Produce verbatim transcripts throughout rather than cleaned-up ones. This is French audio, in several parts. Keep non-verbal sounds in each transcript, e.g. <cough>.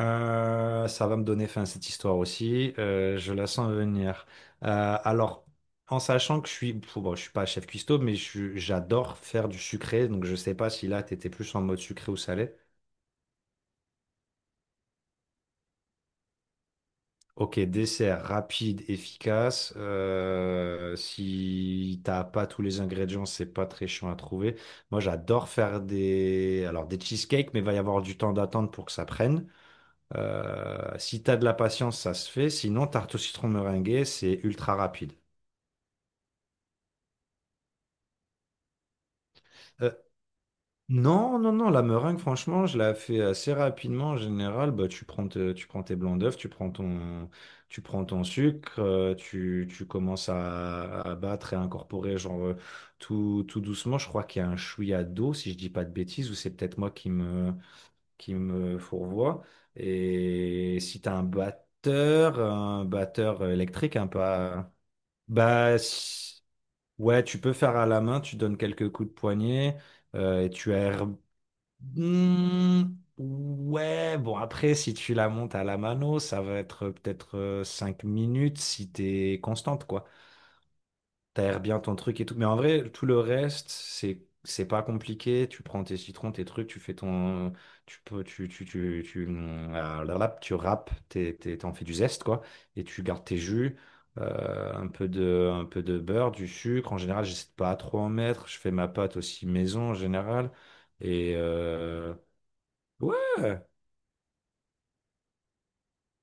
Euh, ça va me donner fin à cette histoire aussi. Euh, je la sens venir. Euh, alors, en sachant que je suis, pff, bon, je suis pas chef cuistot, mais je suis- j'adore faire du sucré. Donc, je sais pas si là, t'étais plus en mode sucré ou salé. Ok, dessert rapide, efficace. Euh, si t'as pas tous les ingrédients, c'est pas très chiant à trouver. Moi, j'adore faire des, alors des cheesecakes, mais il va y avoir du temps d'attente pour que ça prenne. Euh, si tu as de la patience, ça se fait. Sinon, tarte au citron meringuée, c'est ultra rapide. Euh, non, non, non, la meringue, franchement, je la fais assez rapidement. En général, bah, tu prends, te- tu prends tes blancs d'œufs, tu prends ton, tu prends ton sucre, euh, tu, tu commences à, à battre et à incorporer genre, euh, tout, tout doucement. Je crois qu'il y a un chouïa d'eau, si je dis pas de bêtises, ou c'est peut-être moi qui me, qui me fourvoie. Et si tu as un batteur, un batteur électrique, un peu... à- Bah, s- ouais, tu peux faire à la main, tu donnes quelques coups de poignet euh, et tu as. Hmm, ouais, bon, après, si tu la montes à la mano, ça va être euh, peut-être euh, cinq minutes si t'es constante, quoi. T'aères bien ton truc et tout. Mais en vrai, tout le reste, c'est c'est pas compliqué. Tu prends tes citrons, tes trucs, tu fais ton, Tu peux, tu tu tu tu euh, la râpe, tu râpes, t'es- t'es- t'en fais du zeste quoi, et tu gardes tes jus. euh, un peu de, un peu de beurre, du sucre. En général, j'essaie de pas trop en mettre. Je fais ma pâte aussi maison en général. Et euh, ouais.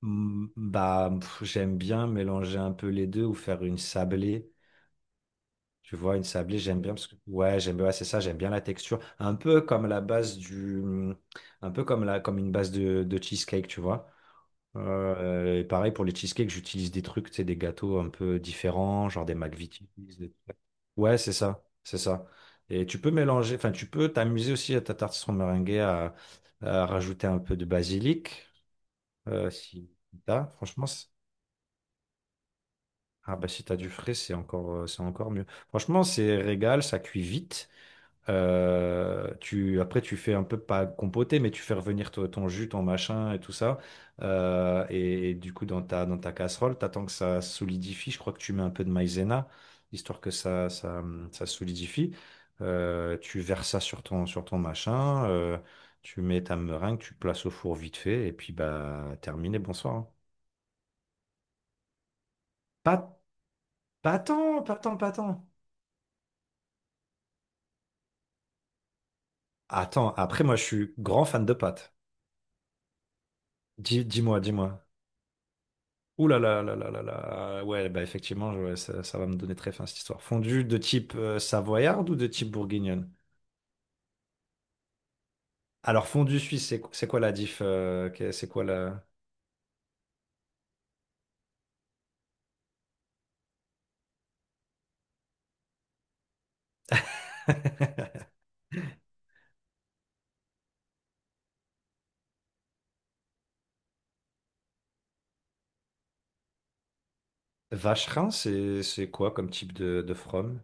Mm, bah pff, j'aime bien mélanger un peu les deux ou faire une sablée. Tu vois, une sablée, j'aime bien parce que ouais, j'aime bien, ouais, c'est ça, j'aime bien la texture, un peu comme la base du un peu comme la comme une base de, de cheesecake, tu vois. Euh, et pareil pour les cheesecakes, j'utilise des trucs, tu sais, des gâteaux un peu différents, genre des McVitie's. Des- Ouais, c'est ça, c'est ça. Et tu peux mélanger, enfin, tu peux t'amuser aussi à ta tartine meringuée à, à rajouter un peu de basilic, euh, si t'as, franchement, c'est- ah bah si t'as du frais, c'est encore, euh, c'est encore mieux. Franchement, c'est régal, ça cuit vite. Euh, tu, après, tu fais un peu pas compoter, mais tu fais revenir to- ton jus, ton machin et tout ça. Euh, et, et du coup, dans ta, dans ta casserole, t'attends que ça solidifie. Je crois que tu mets un peu de maïzena, histoire que ça, ça, ça solidifie. Euh, tu verses ça sur ton, sur ton machin. Euh, tu mets ta meringue, tu places au four vite fait. Et puis, bah, terminé, bonsoir. Hein. Pas, pas tant, pas tant, pas tant. Attends, après, moi, je suis grand fan de pâtes. Dis, dis-moi, dis-moi. Ouh là là là là là là. Ouais, bah effectivement, ouais, ça, ça va me donner très faim cette histoire. Fondue de type euh, savoyarde ou de type bourguignonne? Alors, fondue suisse, c'est c'est quoi la diff? euh, que- c'est quoi la... <laughs> Vacherin, c'est c'est quoi comme type de, de from?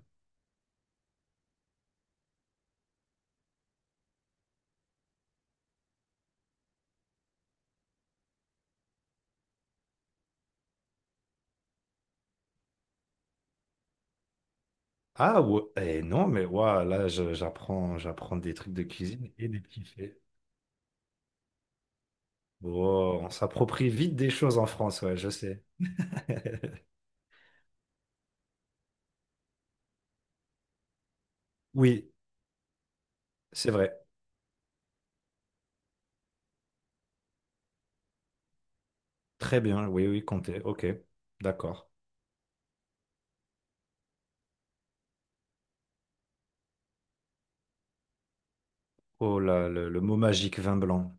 Ah ouais, eh non, mais ouah, là, je- j'apprends j'apprends des trucs de cuisine et des petits faits. Oh, on s'approprie vite des choses en France, ouais, je sais. <laughs> Oui, c'est vrai. Très bien, oui, oui, comptez. Ok, d'accord. Oh là, le, le mot magique, vin blanc.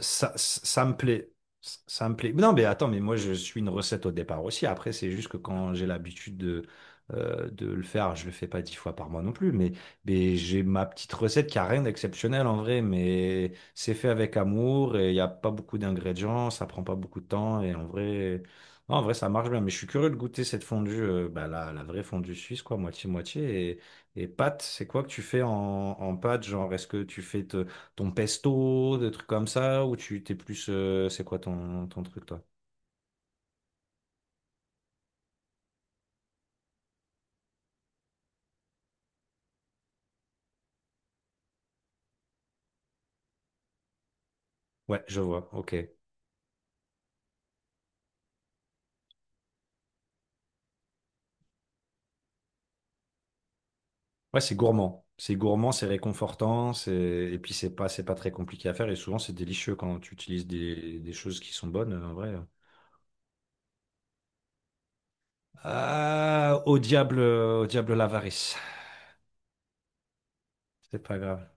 Ça, ça me plaît. Ça me plaît. Non, mais attends, mais moi, je suis une recette au départ aussi. Après, c'est juste que quand j'ai l'habitude de, euh, de le faire, je le fais pas dix fois par mois non plus. Mais, mais j'ai ma petite recette qui a rien d'exceptionnel en vrai, mais c'est fait avec amour et il n'y a pas beaucoup d'ingrédients, ça prend pas beaucoup de temps. Et en vrai, non, en vrai, ça marche bien. Mais je suis curieux de goûter cette fondue, euh, bah, la, la vraie fondue suisse, quoi, moitié-moitié. Et, et pâte, c'est quoi que tu fais en, en pâte? Genre, est-ce que tu fais. te- ton pesto, des trucs comme ça, ou tu t'es plus. euh, c'est quoi ton, ton truc, toi? Ouais, je vois, ok. Ouais, c'est gourmand. C'est gourmand, c'est réconfortant, c'est... et puis c'est pas, c'est pas très compliqué à faire, et souvent c'est délicieux quand tu utilises des, des choses qui sont bonnes, euh, en vrai. Ah, au diable, euh, au diable l'avarice. C'est pas grave.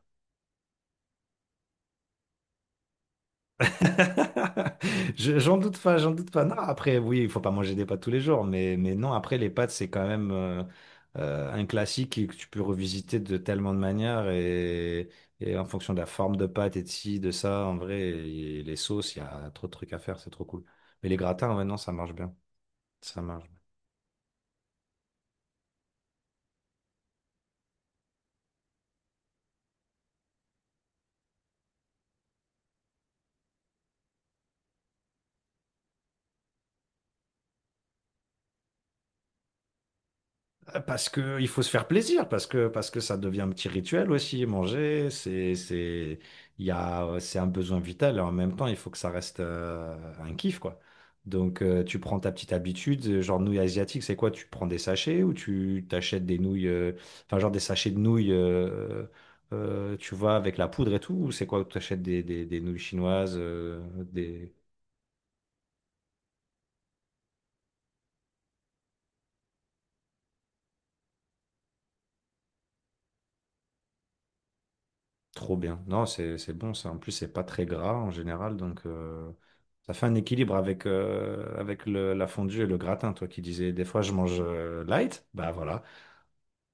<laughs> Je- J'en doute pas, j'en doute pas. Non, après, oui, il faut pas manger des pâtes tous les jours, mais, mais non, après, les pâtes, c'est quand même euh, euh, un classique que tu peux revisiter de tellement de manières et, et en fonction de la forme de pâte et de ci, de ça, en vrai, et les sauces, il y a trop de trucs à faire, c'est trop cool. Mais les gratins, ouais, non, ça marche bien. Ça marche. Parce que il faut se faire plaisir, parce que parce que ça devient un petit rituel aussi. Manger, c'est c'est il y a c'est un besoin vital et en même temps il faut que ça reste euh, un kiff quoi. Donc euh, tu prends ta petite habitude, euh, genre nouilles asiatiques, c'est quoi? Tu prends des sachets ou tu t'achètes des nouilles, euh, enfin genre des sachets de nouilles, euh, euh, tu vois avec la poudre et tout, ou c'est quoi? Tu achètes des, des, des nouilles chinoises, euh, des Trop bien. Non, c'est c'est bon ça. En plus, c'est pas très gras en général, donc euh, ça fait un équilibre avec euh, avec le- la fondue et le gratin. Toi qui disais des fois je mange euh, light, bah voilà,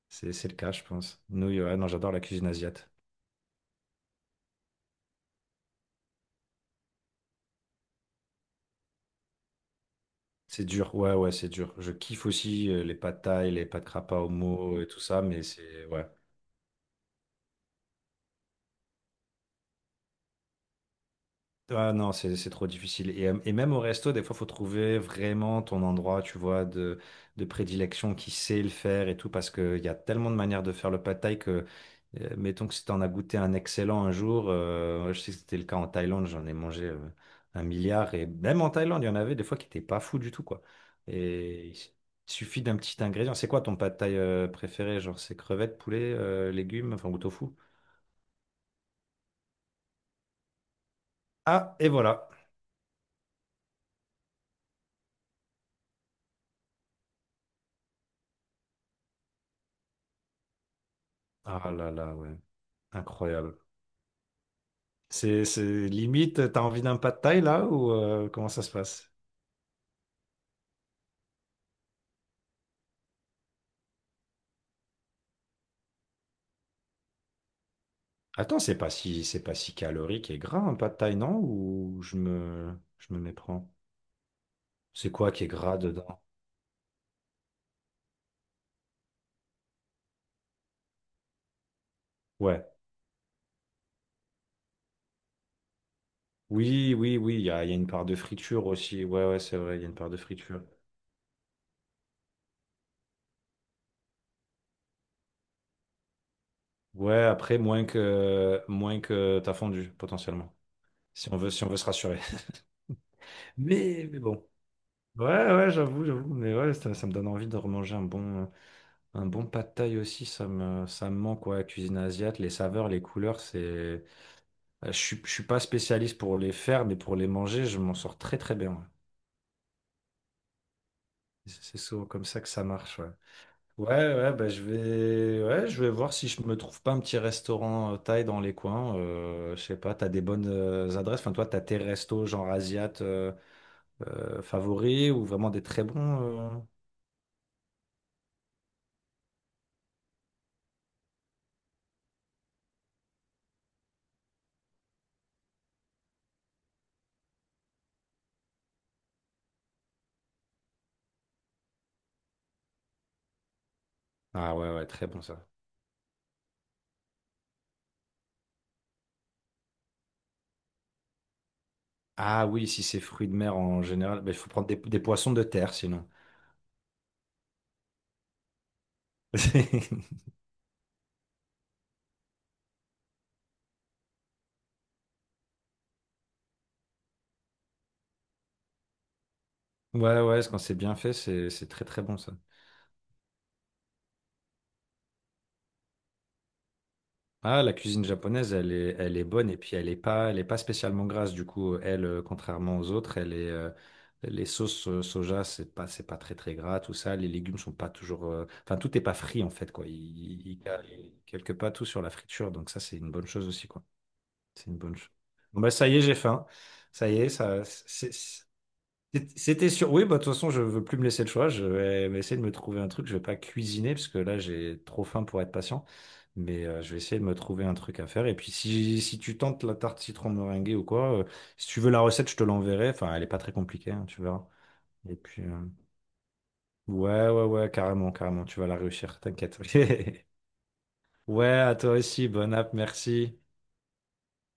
c'est c'est le cas, je pense. Nous, ouais, non, j'adore la cuisine asiate. C'est dur. Ouais, ouais, c'est dur. Je kiffe aussi euh, les pâtes thaï, les pâtes krapa au mot et tout ça, mais c'est ouais. Ah non, c'est c'est trop difficile. Et, euh, et même au resto, des fois, faut trouver vraiment ton endroit, tu vois, de, de prédilection qui sait le faire et tout, parce qu'il y a tellement de manières de faire le pad thai que, euh, mettons que si t'en as goûté un excellent un jour, euh, je sais que c'était le cas en Thaïlande, j'en ai mangé euh, un milliard, et même en Thaïlande, il y en avait des fois qui étaient pas fous du tout, quoi. Et il suffit d'un petit ingrédient. C'est quoi ton pad thai euh, préféré? Genre, c'est crevettes, poulet, euh, légumes, enfin, ou tofu? Ah, et voilà. Ah là là, ouais, incroyable. C'est c'est limite, t'as envie d'un pas de taille là ou euh, comment ça se passe? Attends, c'est pas si c'est pas si calorique et gras un pas de taille, non? Ou je me je me méprends? C'est quoi qui est gras dedans? Ouais. Oui, oui, oui, il y a, il y a une part de friture aussi. Ouais, ouais, c'est vrai, il y a une part de friture. Ouais, après, moins que moins que t'as fondu, potentiellement. Si on veut, si on veut se rassurer. <laughs> Mais, mais bon. Ouais, ouais, j'avoue, j'avoue. Mais ouais, ça, ça me donne envie de remanger un bon. Un bon pad thaï aussi, ça me, ça me manque, ouais, la cuisine asiate, les saveurs, les couleurs, c'est... Euh, Je suis, je suis pas spécialiste pour les faire, mais pour les manger, je m'en sors très très bien. Ouais. C'est c'est souvent comme ça que ça marche, ouais. Ouais, ouais, bah, je vais, ouais, je vais voir si je me trouve pas un petit restaurant euh, thaï dans les coins. Euh, je sais pas, t'as des bonnes euh, adresses. Enfin, toi, t'as tes restos genre asiates euh, euh, favoris ou vraiment des très bons. Euh Ah ouais, ouais, très bon ça. Ah oui, si c'est fruits de mer en général, bah, il faut prendre des, des poissons de terre sinon. <laughs> Ouais, ouais, quand c'est bien fait, c'est c'est très très bon ça. Ah, la cuisine japonaise, elle est, elle est bonne et puis elle est pas, elle est pas spécialement grasse du coup. Elle, euh, contrairement aux autres, elle est, euh, les sauces euh, soja, c'est pas, c'est pas très très gras, tout ça. Les légumes sont pas toujours, euh, enfin tout est pas frit en fait quoi. Il, il, il y a quelque part tout sur la friture, donc ça c'est une bonne chose aussi quoi. C'est une bonne chose. Bon bah ça y est, j'ai faim. Ça y est, ça, c'est- C'était sûr. Oui, bah, de toute façon, je veux plus me laisser le choix. Je vais essayer de me trouver un truc. Je vais pas cuisiner parce que là, j'ai trop faim pour être patient. Mais euh, je vais essayer de me trouver un truc à faire. Et puis, si, si tu tentes la tarte citron meringuée ou quoi, euh, si tu veux la recette, je te l'enverrai. Enfin, elle est pas très compliquée, hein, tu verras. Et puis, euh, ouais, ouais, ouais, carrément, carrément. Tu vas la réussir, t'inquiète. <laughs> Ouais, à toi aussi. Bonne app, merci.